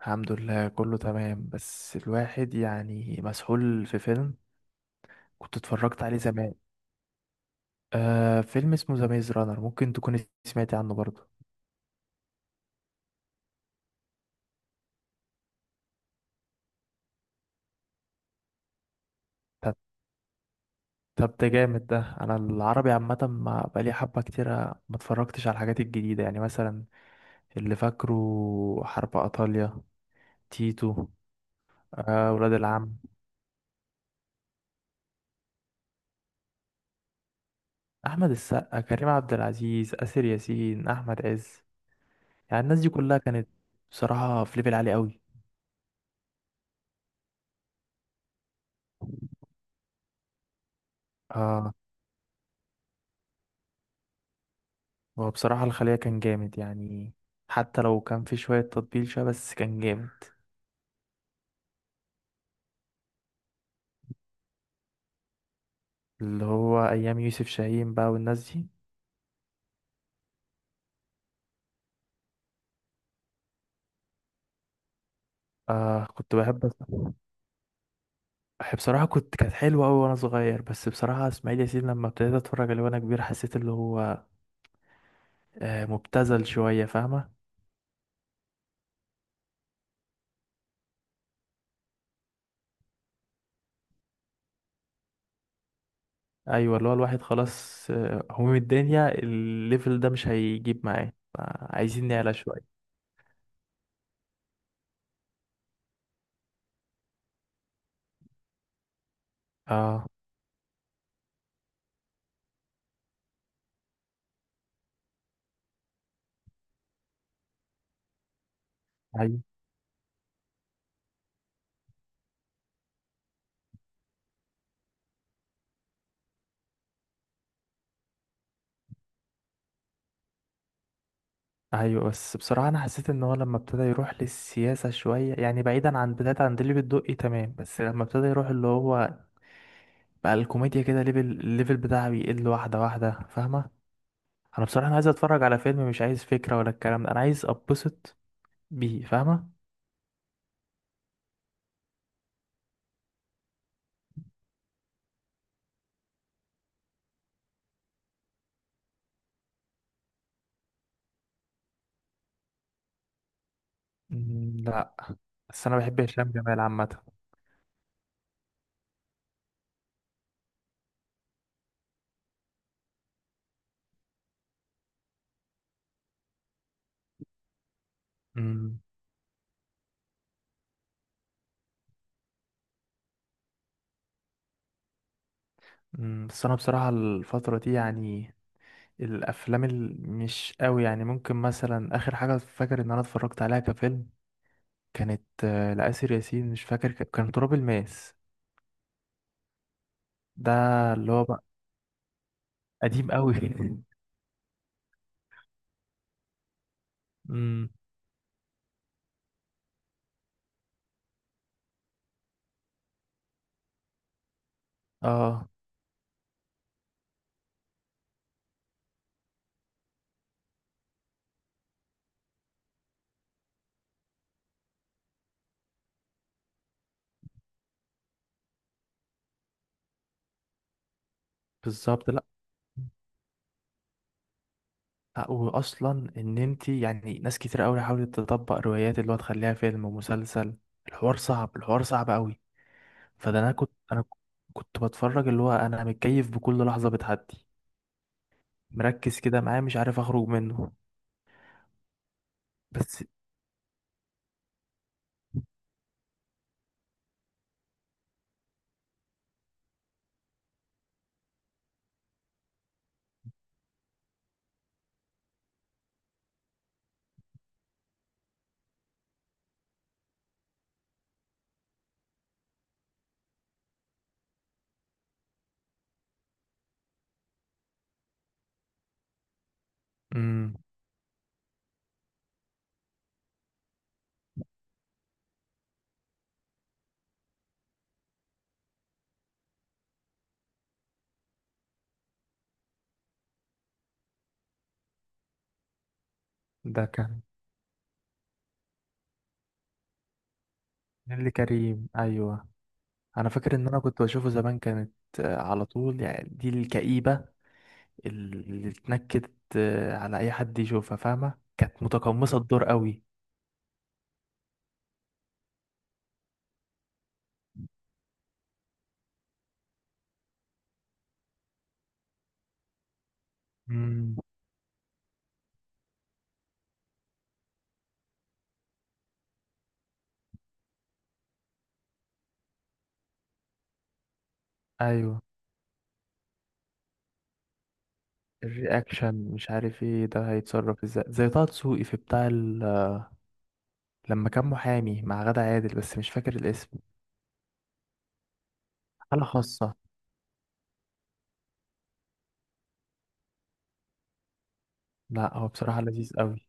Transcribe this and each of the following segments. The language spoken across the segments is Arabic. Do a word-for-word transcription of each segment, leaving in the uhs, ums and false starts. الحمد لله كله تمام بس الواحد يعني مسحول في فيلم كنت اتفرجت عليه زمان آه فيلم اسمه ذا ميز رانر، ممكن تكون سمعتي عنه برضه. طب طب ده جامد ده انا العربي عامة ما بقالي حبة كتيرة، ما اتفرجتش على الحاجات الجديدة. يعني مثلا اللي فاكره حرب ايطاليا، تيتو. آه، ولاد العم. احمد السقا، كريم عبد العزيز، آسر ياسين، احمد عز. يعني الناس دي كلها كانت بصراحة في ليفل عالي. قوي. هو بصراحة الخلية كان جامد يعني. حتى لو كان في شوية تطبيل شوية، بس كان جامد. اللي هو أيام يوسف شاهين بقى، والناس دي. آه، كنت بحب أسمع. أح- بصراحة كنت كانت حلوة أوي وأنا صغير، بس بصراحة إسماعيل ياسين لما ابتديت أتفرج عليه وأنا كبير، حسيت اللي هو آه مبتذل شوية، فاهمة. أيوة، اللي هو الواحد خلاص آه هموم الدنيا الليفل ده مش هيجيب معاه. عايزين نعلى شوية. اه، أيوة. ايوه، بس بصراحه انا حسيت ان هو لما ابتدى يروح للسياسه شويه، يعني بعيدا عن بدايه عند الليفل الدقي تمام، بس لما ابتدى يروح اللي هو بقى الكوميديا كده ليفل الليفل بتاعه بيقل واحده واحده، فاهمه. انا بصراحه انا عايز اتفرج على فيلم، مش عايز فكره ولا الكلام ده، انا عايز اتبسط بيه، فاهمه. مم، لا. بس انا بحب هشام جمال عامه. مم، مم، بس انا بصراحه الفتره دي يعني الافلام ال- مش قوي يعني. ممكن مثلا اخر حاجه فاكر ان انا اتفرجت عليها كفيلم كانت آه، لآسر ياسين، مش فاكر ك- كان تراب الماس ده، اللي هو بقى قديم قوي. امم اه، بالظبط. لا، لا، واصلا ان انت يعني ناس كتير قوي حاولت تطبق روايات اللي هو تخليها فيلم ومسلسل، الحوار صعب، الحوار صعب قوي. فده انا كنت انا كنت بتفرج اللي هو انا متكيف بكل لحظة بتعدي، مركز كده معاه مش عارف اخرج منه. بس امم ده كان. نيللي كريم، ايوه. انا فاكر ان انا كنت بشوفه زمان، كانت آه، على طول. يعني دي الكئيبة اللي اتنكدت آه، على اي حد يشوفها، فاهمة، كانت متقمصة الدور قوي. مم. ايوه. الرياكشن مش عارف ايه، ده هيتصرف ازاي زي طه دسوقي في بتاع ال... لما كان محامي مع غادة عادل، بس مش فاكر الاسم. حالة خاصة. لا، هو بصراحة لذيذ قوي.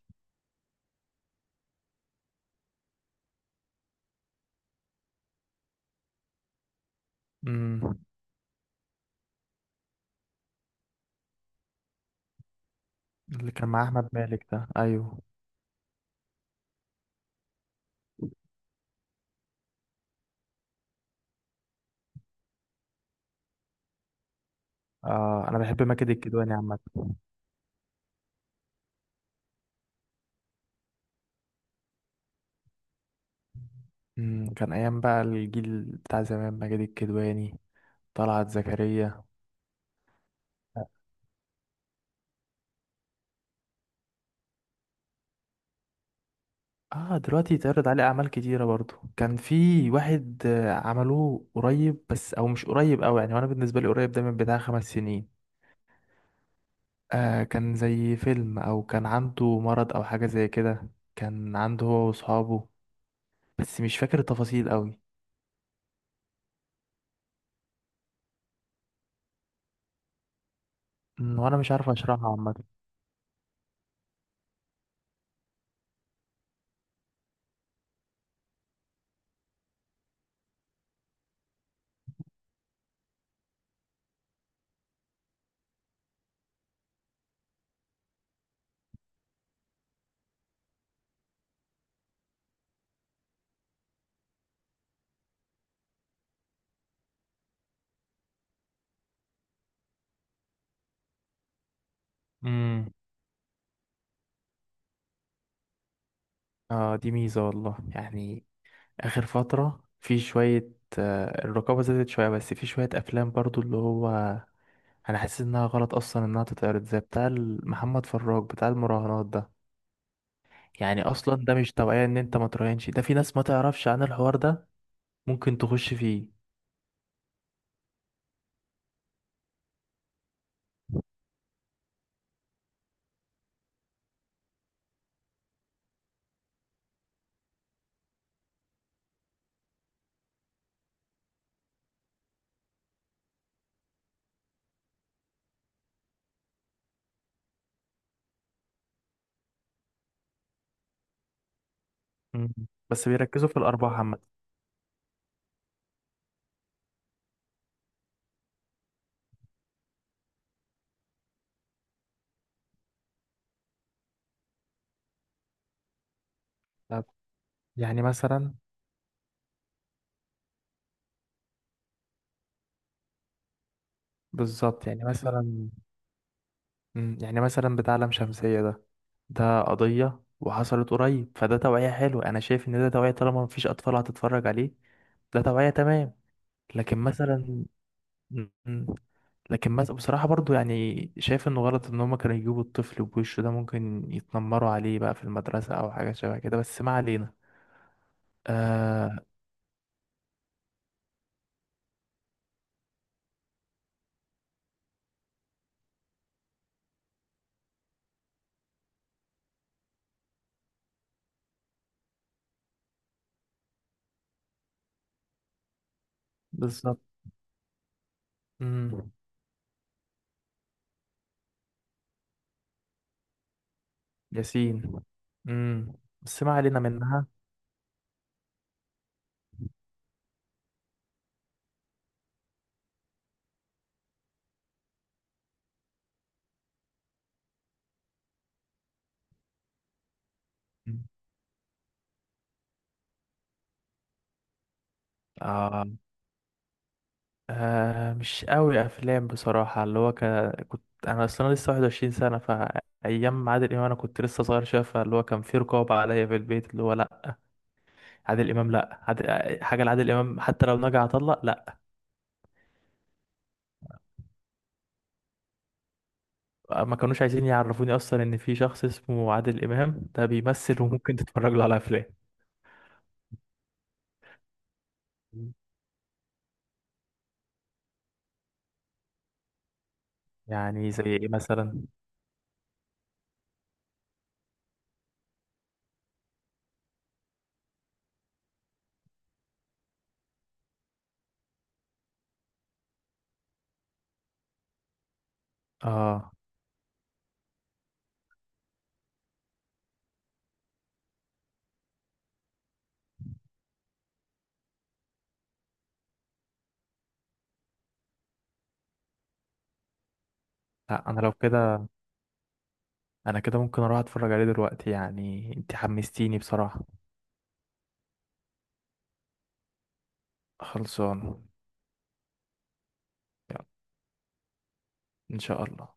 امم اللي كان مع احمد مالك ده، ايوه. آه، انا بحب ماجد الكدواني عامة. أمم، كان ايام بقى الجيل بتاع زمان، ماجد الكدواني، طلعت زكريا. اه، دلوقتي اتعرض عليه اعمال كتيره برضو. كان في واحد آه، عملوه قريب، بس او مش قريب قوي يعني، وانا بالنسبه لي قريب ده من بتاع خمس سنين. آه، كان زي فيلم او كان عنده مرض او حاجه زي كده. كان عنده هو واصحابه، بس مش فاكر التفاصيل قوي. أمم، وانا مش عارف اشرحها عامه. امم اه، دي ميزه والله يعني. اخر فتره في شويه، آه، الرقابه زادت شويه، بس في شويه افلام برضو اللي هو انا حاسس انها غلط اصلا انها تتعرض، زي بتاع ال- محمد فراج بتاع المراهنات ده. يعني اصلا ده مش توعية، ان انت ما تراهنش. ده في ناس ما تعرفش عن الحوار ده، ممكن تخش فيه. مم. بس بيركزوا في الارباح عامة. طب. يعني مثلا. بالظبط، يعني مثلا. مم، يعني مثلا بتاع لام شمسية ده. ده قضية وحصلت قريب، فده توعية حلوة. انا شايف ان ده توعية طالما مفيش اطفال هتتفرج عليه. ده توعية تمام. لكن مثلا. مم. لكن مس- بصراحة برضو يعني شايف انه غلط ان هما كانوا يجيبوا الطفل بوشه ده، ممكن يتنمروا عليه بقى في المدرسة او حاجة شبه كده، بس ما علينا. آه. بالظبط. امم ياسين. امم بس ما علينا منها. مم. آه. آه، مش قوي افلام بصراحة اللي هو ك... كنت انا اصلا لسه 21 سنة. فايام عادل امام انا كنت لسه صغير شوية، فاللي هو كان في رقابة عليا في البيت اللي هو لا، عادل امام لا، عادل... حاجة لعادل امام حتى لو نجح اطلق، لا. ما كانوش عايزين يعرفوني اصلا ان في شخص اسمه عادل امام ده بيمثل وممكن تتفرج له على افلام. يعني زي ايه مثلا. اه. لا، انا لو كده، انا كده ممكن اروح اتفرج عليه دلوقتي يعني، انت حمستيني بصراحة. خلصان. يلا، ان شاء الله.